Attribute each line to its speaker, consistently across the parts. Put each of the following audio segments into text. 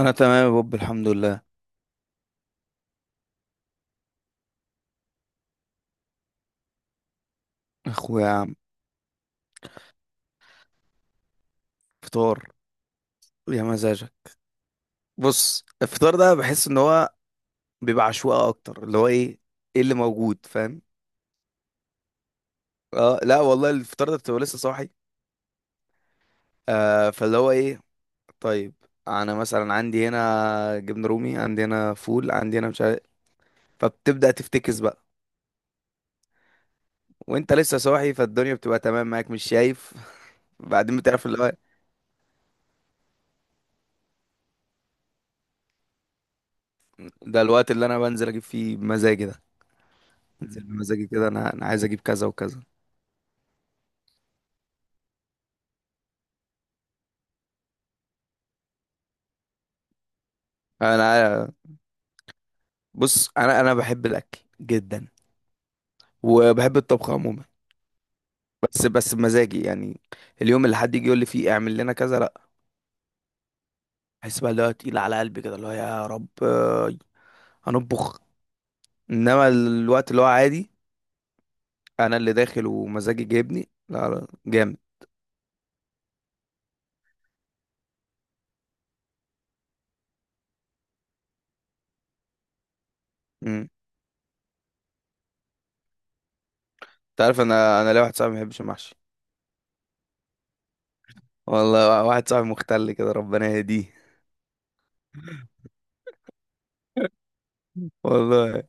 Speaker 1: انا تمام يا بوب، الحمد لله. اخويا يا عم، فطار يا مزاجك. بص، الفطار ده بحس ان هو بيبقى عشوائي اكتر، اللي هو ايه، ايه اللي موجود، فاهم؟ اه لا والله، الفطار ده بتبقى لسه صاحي، آه، فاللي هو ايه. طيب، انا مثلا عندي هنا جبنه رومي، عندي هنا فول، عندي هنا مش عارف، فبتبدا تفتكس بقى وانت لسه صاحي، فالدنيا بتبقى تمام معاك، مش شايف؟ بعدين بتعرف اللي هو إيه. ده الوقت اللي انا بنزل اجيب فيه مزاجي ده. بنزل بمزاجي كده، انا عايز اجيب كذا وكذا. انا بص، انا بحب الاكل جدا، وبحب الطبخ عموما، بس بس بمزاجي يعني. اليوم اللي حد يجي يقول لي فيه اعمل لنا كذا، لا. احس بقى اللي هو تقيل على قلبي كده، اللي هو يا رب آه، هنطبخ. انما الوقت اللي هو عادي، انا اللي داخل ومزاجي جايبني، لا لا، جامد. امم. انت عارف انا ليا واحد صاحبي ما بيحبش المحشي. والله واحد صاحبي مختل كده، ربنا يهديه. والله،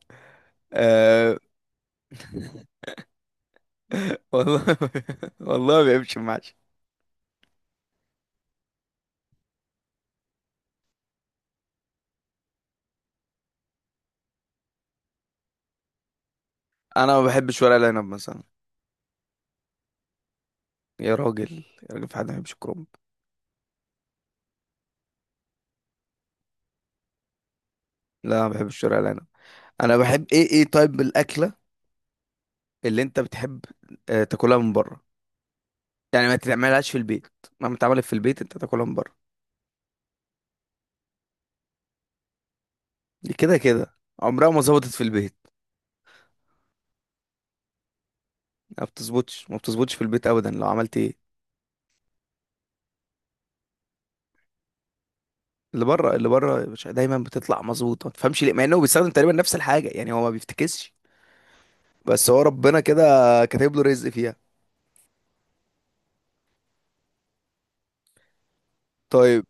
Speaker 1: آه. والله. والله ما بيحبش المحشي. انا ما بحبش ورق العنب مثلا. يا راجل يا راجل، في حد ما بيحبش الكرنب؟ لا انا بحب الشوربه العنب. انا بحب ايه ايه، طيب الاكله اللي انت بتحب آه، تاكلها من بره، يعني ما تعملهاش في البيت. ما بتعملت في البيت، انت تاكلها من بره. دي كده كده عمرها ما ظبطت في البيت. ما بتظبطش في البيت ابدا، لو عملت ايه. اللي بره اللي بره يا باشا، دايما بتطلع مظبوطه، ما تفهمش ليه، مع انه بيستخدم تقريبا نفس الحاجه، يعني هو ما بيفتكسش. بس هو ربنا كده كاتب له رزق فيها. طيب،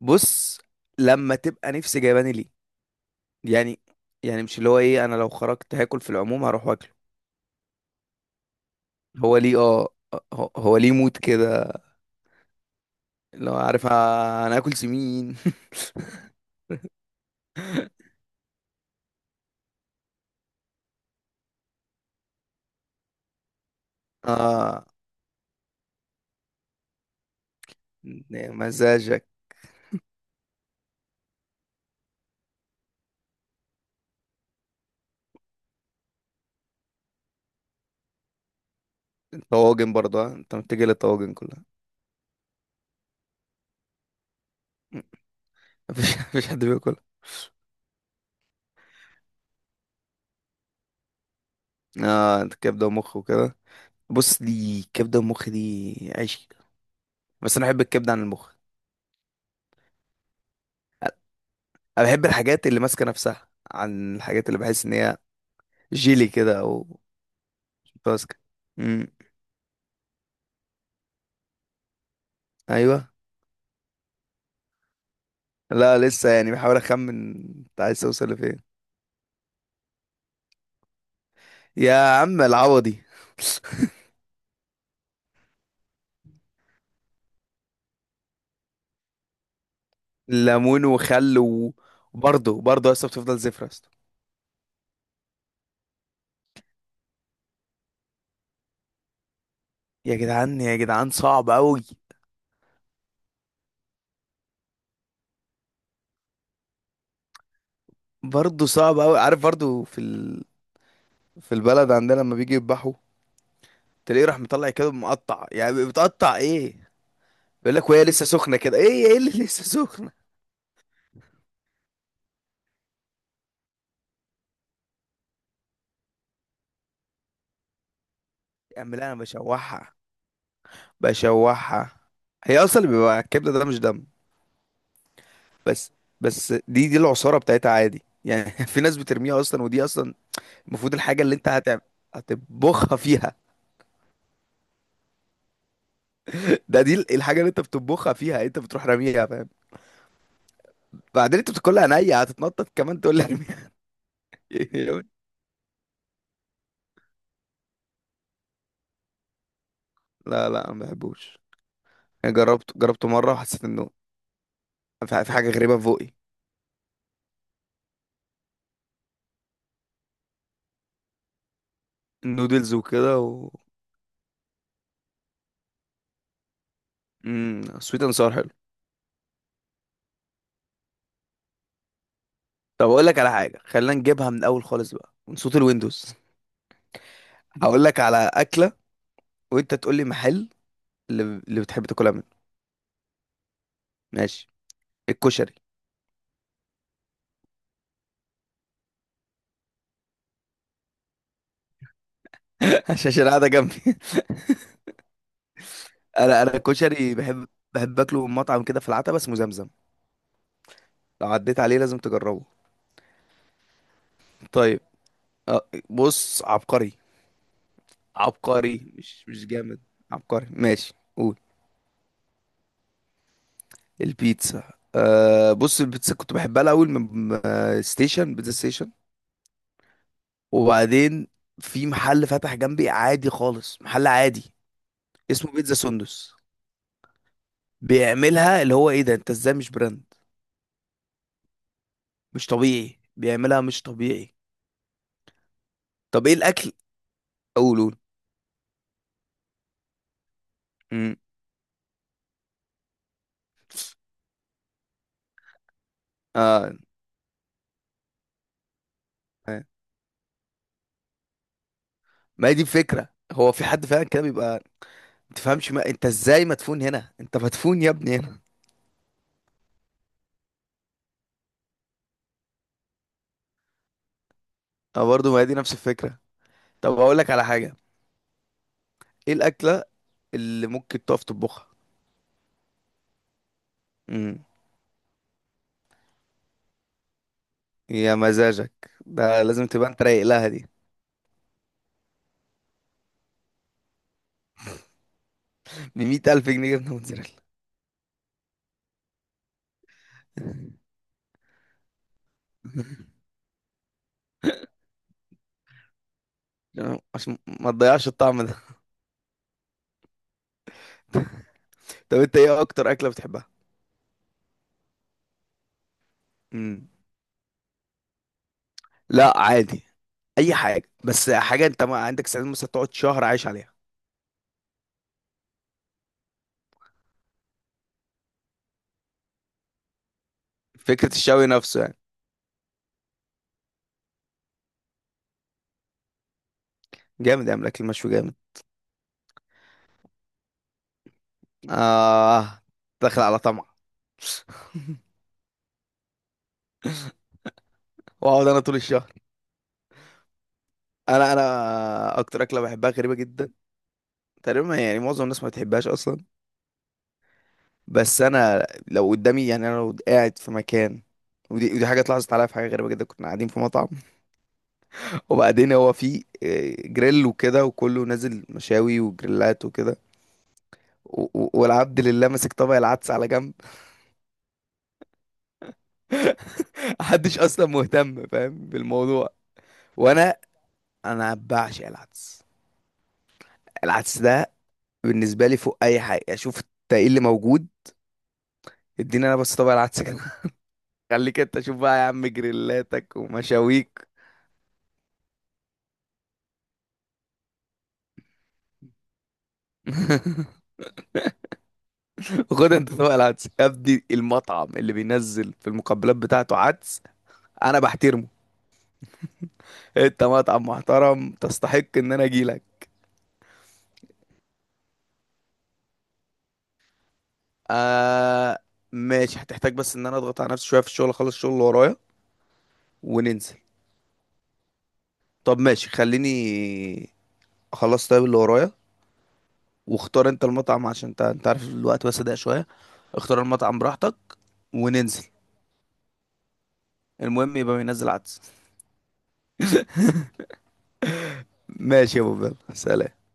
Speaker 1: بص، لما تبقى نفسي جايباني ليه، يعني يعني مش اللي هو ايه. انا لو خرجت هاكل في العموم، هروح واكله. هو ليه اه، هو ليه موت كده، لو عارف آه، انا اكل سمين. اه، مزاجك. الطواجن برضه آه، انت متجه للطواجن كلها. مفيش حد بياكل. اه انت كبده ومخ وكده. بص، دي كبده ومخ، دي عيش. بس انا بحب الكبده عن المخ. انا بحب الحاجات اللي ماسكه نفسها، عن الحاجات اللي بحس ان هي جيلي كده، او مش متماسكه. امم. ايوه. لا لسه، يعني بحاول اخمن انت عايز توصل لفين. يا عم العوضي. ليمون وخل وبرضه برضه يا اسطى بتفضل زفرة يا اسطى. يا جدعان يا جدعان، صعب قوي. برضه صعب قوي، عارف؟ برضه في البلد عندنا لما بيجي يذبحوا، تلاقيه راح مطلع كده مقطع، يعني بتقطع ايه. بيقول لك وهي لسه سخنه كده، ايه ايه اللي لسه سخنه. يا عم لا انا بشوحها، بشوحها. هي اصلا اللي بيبقى على الكبده ده مش دم. بس، بس دي العصاره بتاعتها عادي يعني. في ناس بترميها اصلا، ودي اصلا المفروض الحاجه اللي انت هتعمل هتطبخها فيها. ده دي الحاجه اللي انت بتطبخها فيها، انت بتروح راميها، فاهم؟ بعدين انت بتقول لها نيه، هتتنطط كمان تقول لي ارميها. لا لا ما بحبوش. يعني جربته مره وحسيت انه في في حاجه غريبه في بوقي. النودلز وكده و... امم، سويت اند ساور حلو. طب اقول لك على حاجه، خلينا نجيبها من الاول خالص بقى من صوت الويندوز. هقول لك على اكله، وانت تقول لي محل اللي بتحب تاكلها منه. ماشي. الكشري. عشان قاعده جنبي. انا الكشري بحب، بحب اكله من مطعم كده في العتبه، اسمه زمزم. لو عديت عليه لازم تجربه. طيب، أه بص، عبقري. عبقري، مش جامد، عبقري، ماشي، قول. البيتزا، أه بص، البيتزا كنت بحبها الاول من آه، ستيشن، بيتزا ستيشن. وبعدين في محل فتح جنبي، عادي خالص، محل عادي اسمه بيتزا سندس. بيعملها اللي هو ايه، ده انت ازاي، مش براند. مش طبيعي، بيعملها مش طبيعي. طب ايه الاكل، قول قول. امم. اه آه. ما هي دي الفكره، هو في حد فعلا كده بيبقى ما تفهمش، ما انت ازاي مدفون هنا، انت مدفون يا ابني هنا. اه برضه ما هي دي نفس الفكره. طب اقول لك على حاجه، ايه الاكله اللي ممكن تقف تطبخها؟ امم. يا مزاجك، ده لازم تبقى انت رايق لها دي. ب 100000 ألف جنيه جبنه موتزاريلا. عشان ما تضيعش الطعم ده. طب انت، ايه اكتر اكله بتحبها؟ امم. لا عادي، اي حاجه، بس حاجه انت ما عندك سعاده مثلا تقعد شهر عايش عليها. فكرة الشوي نفسه يعني، جامد يا عم، الأكل المشوي جامد. آه، داخل على طمع. واقعد أنا طول الشهر. أنا أكتر أكلة بحبها غريبة جدا، تقريبا يعني معظم الناس ما بتحبهاش أصلا. بس أنا لو قدامي، يعني أنا لو قاعد في مكان. ودي حاجة اتلاحظت عليا، في حاجة غريبة جدا، كنا قاعدين في مطعم. وبعدين هو في آه، جريل وكده، وكله نازل مشاوي وجريلات وكده، والعبد لله ماسك طبق العدس على جنب. محدش اصلا مهتم فاهم بالموضوع. وانا بعشق العدس. العدس ده بالنسبه لي فوق اي حاجه اشوف. انت ايه اللي موجود، اديني انا بس طبق العدس كده. خليك انت شوف بقى يا عم جريلاتك ومشاويك. خد انت طبق العدس يا ابني. المطعم اللي بينزل في المقبلات بتاعته عدس، انا بحترمه. انت مطعم محترم، تستحق ان انا اجيلك. آه ماشي، هتحتاج بس ان انا اضغط على نفسي شويه في الشغل، اخلص الشغل اللي ورايا وننزل. طب ماشي، خليني اخلص طيب اللي ورايا، واختار انت المطعم، عشان انت عارف الوقت بس ضيق شويه. اختار المطعم براحتك وننزل. المهم يبقى بينزل عدس. ماشي يا ابو بابا، سلام.